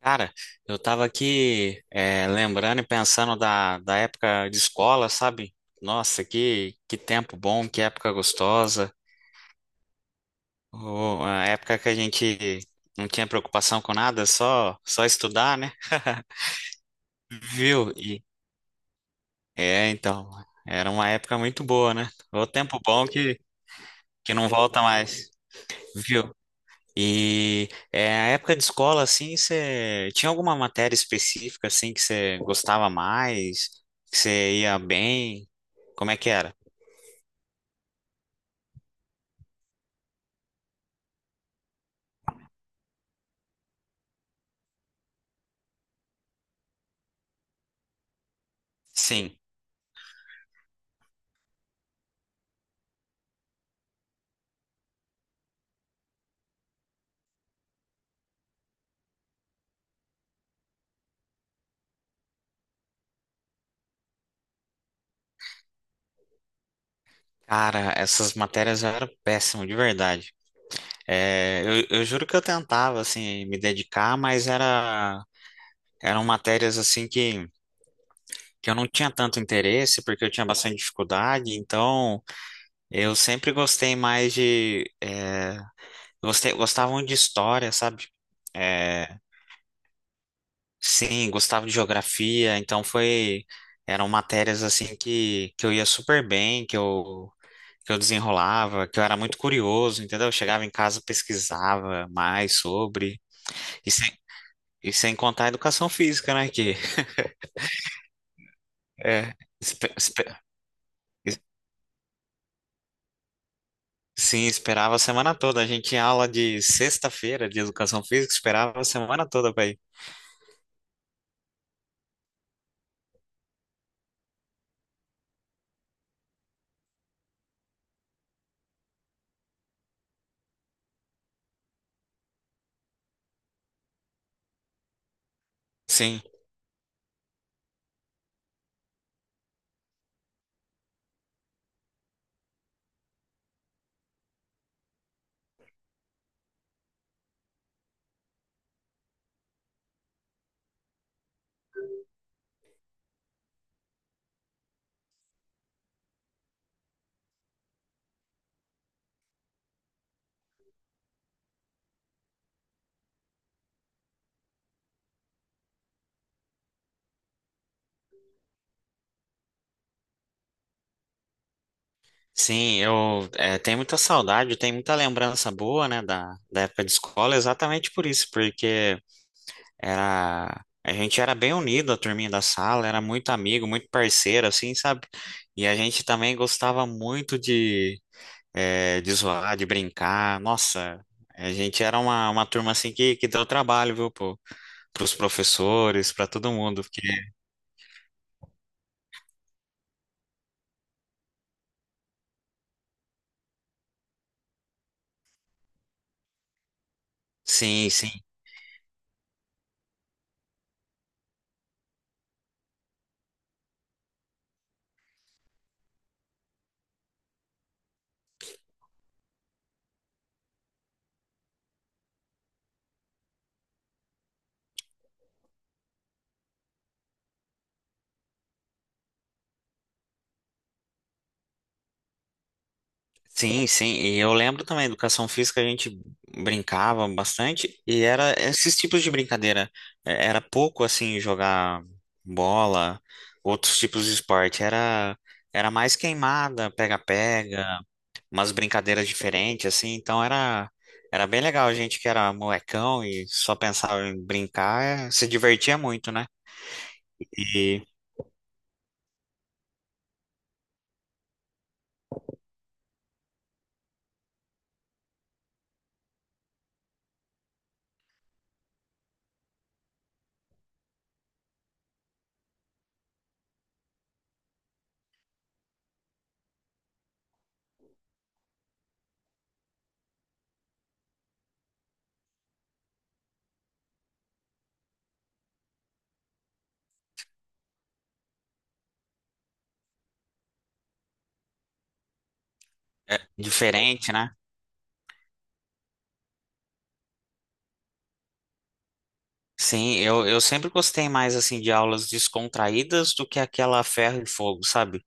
Cara, eu tava aqui lembrando e pensando da época de escola, sabe? Nossa, que tempo bom, que época gostosa. Oh, a época que a gente não tinha preocupação com nada, só estudar, né? Viu? Então, era uma época muito boa, né? O tempo bom que não volta mais. A época de escola, assim, você tinha alguma matéria específica, assim, que você gostava mais, que você ia bem? Como é que era? Sim, cara, essas matérias eu era péssimo, de verdade. É, eu juro que eu tentava, assim, me dedicar, eram matérias, assim, que eu não tinha tanto interesse, porque eu tinha bastante dificuldade, então eu sempre gostei mais de... É, gostavam de história, sabe? Eh, Sim, gostava de geografia, então eram matérias assim que eu ia super bem, que eu desenrolava, que eu era muito curioso, entendeu? Eu chegava em casa, pesquisava mais sobre, e sem, e sem contar a educação física, né? Que é, espe- espe- es- sim, esperava a semana toda. A gente tinha aula de sexta-feira de educação física, esperava a semana toda para ir. Sim. Sim, eu tenho muita saudade, tenho muita lembrança boa, né, da época de escola, exatamente por isso, porque era, a gente era bem unido, a turminha da sala, era muito amigo, muito parceiro, assim, sabe? E a gente também gostava muito de, de zoar, de brincar, nossa, a gente era uma turma, assim, que deu trabalho, viu, pros professores, pra todo mundo, porque, sim, sim, Sim, sim, e eu lembro também, educação física a gente brincava bastante e era esses tipos de brincadeira. É, era pouco assim jogar bola, outros tipos de esporte, era mais queimada, pega-pega, umas brincadeiras diferentes assim, então era bem legal, a gente que era molecão e só pensava em brincar, se divertia muito, né? E é diferente, né? Sim, eu sempre gostei mais assim de aulas descontraídas do que aquela ferro e fogo, sabe?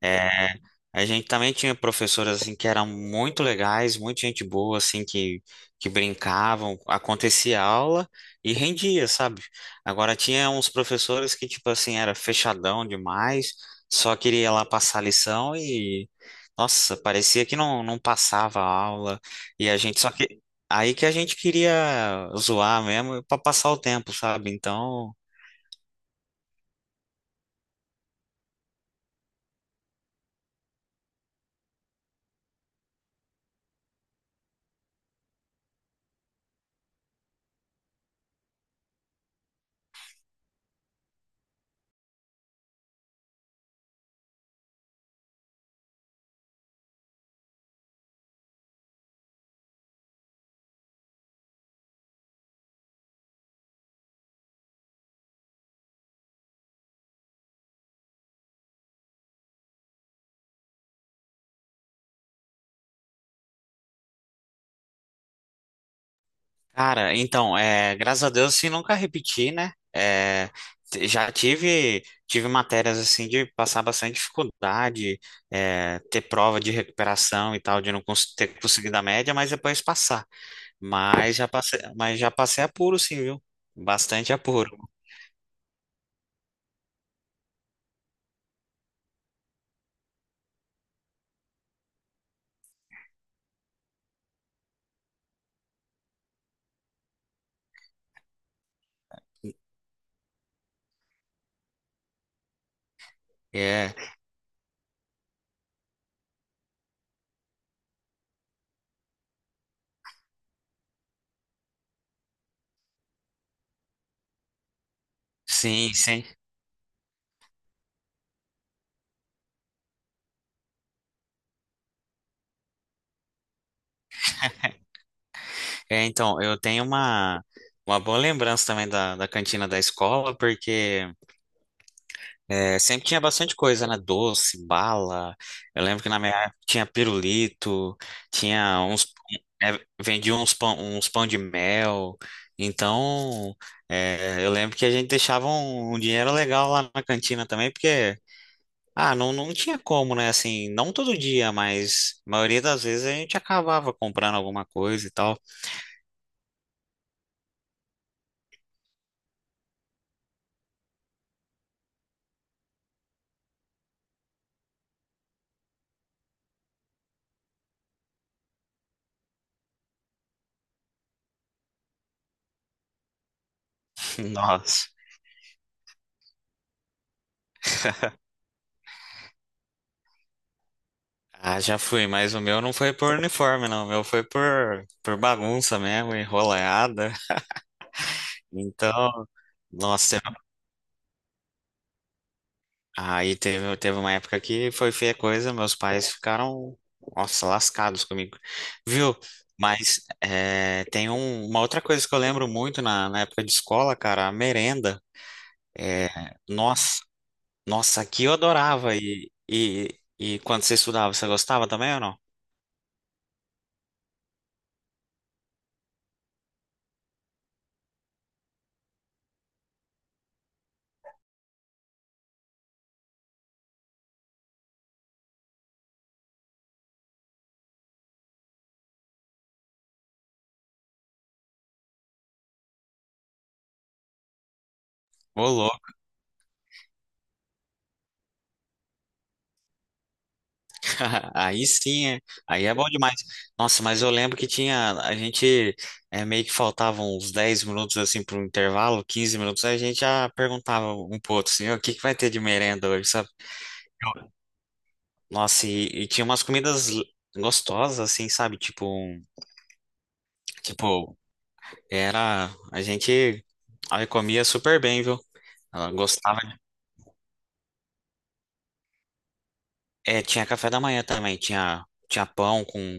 É, a gente também tinha professoras assim que eram muito legais, muita gente boa assim que brincavam, acontecia aula e rendia, sabe? Agora tinha uns professores que tipo assim era fechadão demais, só queria lá passar lição e nossa, parecia que não passava a aula e a gente só que aí que a gente queria zoar mesmo para passar o tempo, sabe? Então cara, então, é, graças a Deus, assim, nunca repeti, né? É, já tive, tive matérias, assim, de passar bastante dificuldade, é, ter prova de recuperação e tal, de não cons- ter conseguido a média, mas depois passar. Mas já passei apuro, sim, viu? Bastante apuro. É, sim, sim. É, então, eu tenho uma boa lembrança também da cantina da escola, porque é, sempre tinha bastante coisa, né? Doce, bala. Eu lembro que na minha época tinha pirulito, tinha uns. É, vendia uns pão de mel. Então, é, eu lembro que a gente deixava um dinheiro legal lá na cantina também, porque. Ah, não, não tinha como, né? Assim, não todo dia, mas a maioria das vezes a gente acabava comprando alguma coisa e tal. Nossa. Ah, já fui, mas o meu não foi por uniforme, não. O meu foi por bagunça mesmo, enrolada. Então, nossa, teve uma época que foi feia coisa, meus pais ficaram, nossa, lascados comigo, viu? Mas é, uma outra coisa que eu lembro muito na época de escola, cara, a merenda. É, nossa, nossa, aqui eu adorava. E quando você estudava, você gostava também ou não? Ô, aí sim, é. Aí é bom demais. Nossa, mas eu lembro que tinha, a gente é, meio que faltavam uns 10 minutos assim para um intervalo, 15 minutos, aí a gente já perguntava um pro outro assim: "Ô, o que que vai ter de merenda hoje, sabe? Nossa, e tinha umas comidas gostosas assim, sabe? Tipo, era, a gente aí comia super bem, viu? Ela gostava. De- É, tinha café da manhã também, tinha pão com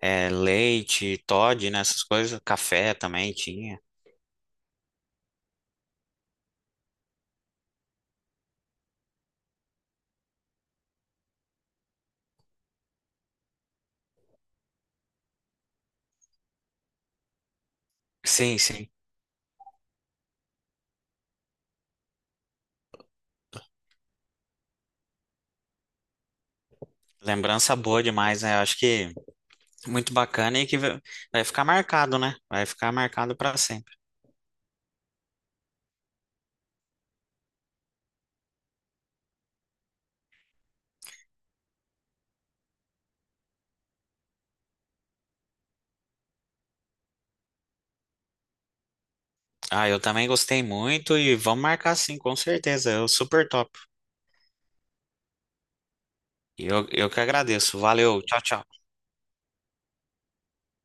é, leite, Toddy, né, essas coisas, café também tinha. Sim, sim. Lembrança boa demais, né? Eu acho que muito bacana e que vai ficar marcado, né? Vai ficar marcado para sempre. Ah, eu também gostei muito e vamos marcar sim, com certeza. Eu super top. Eu que agradeço. Valeu, tchau, tchau.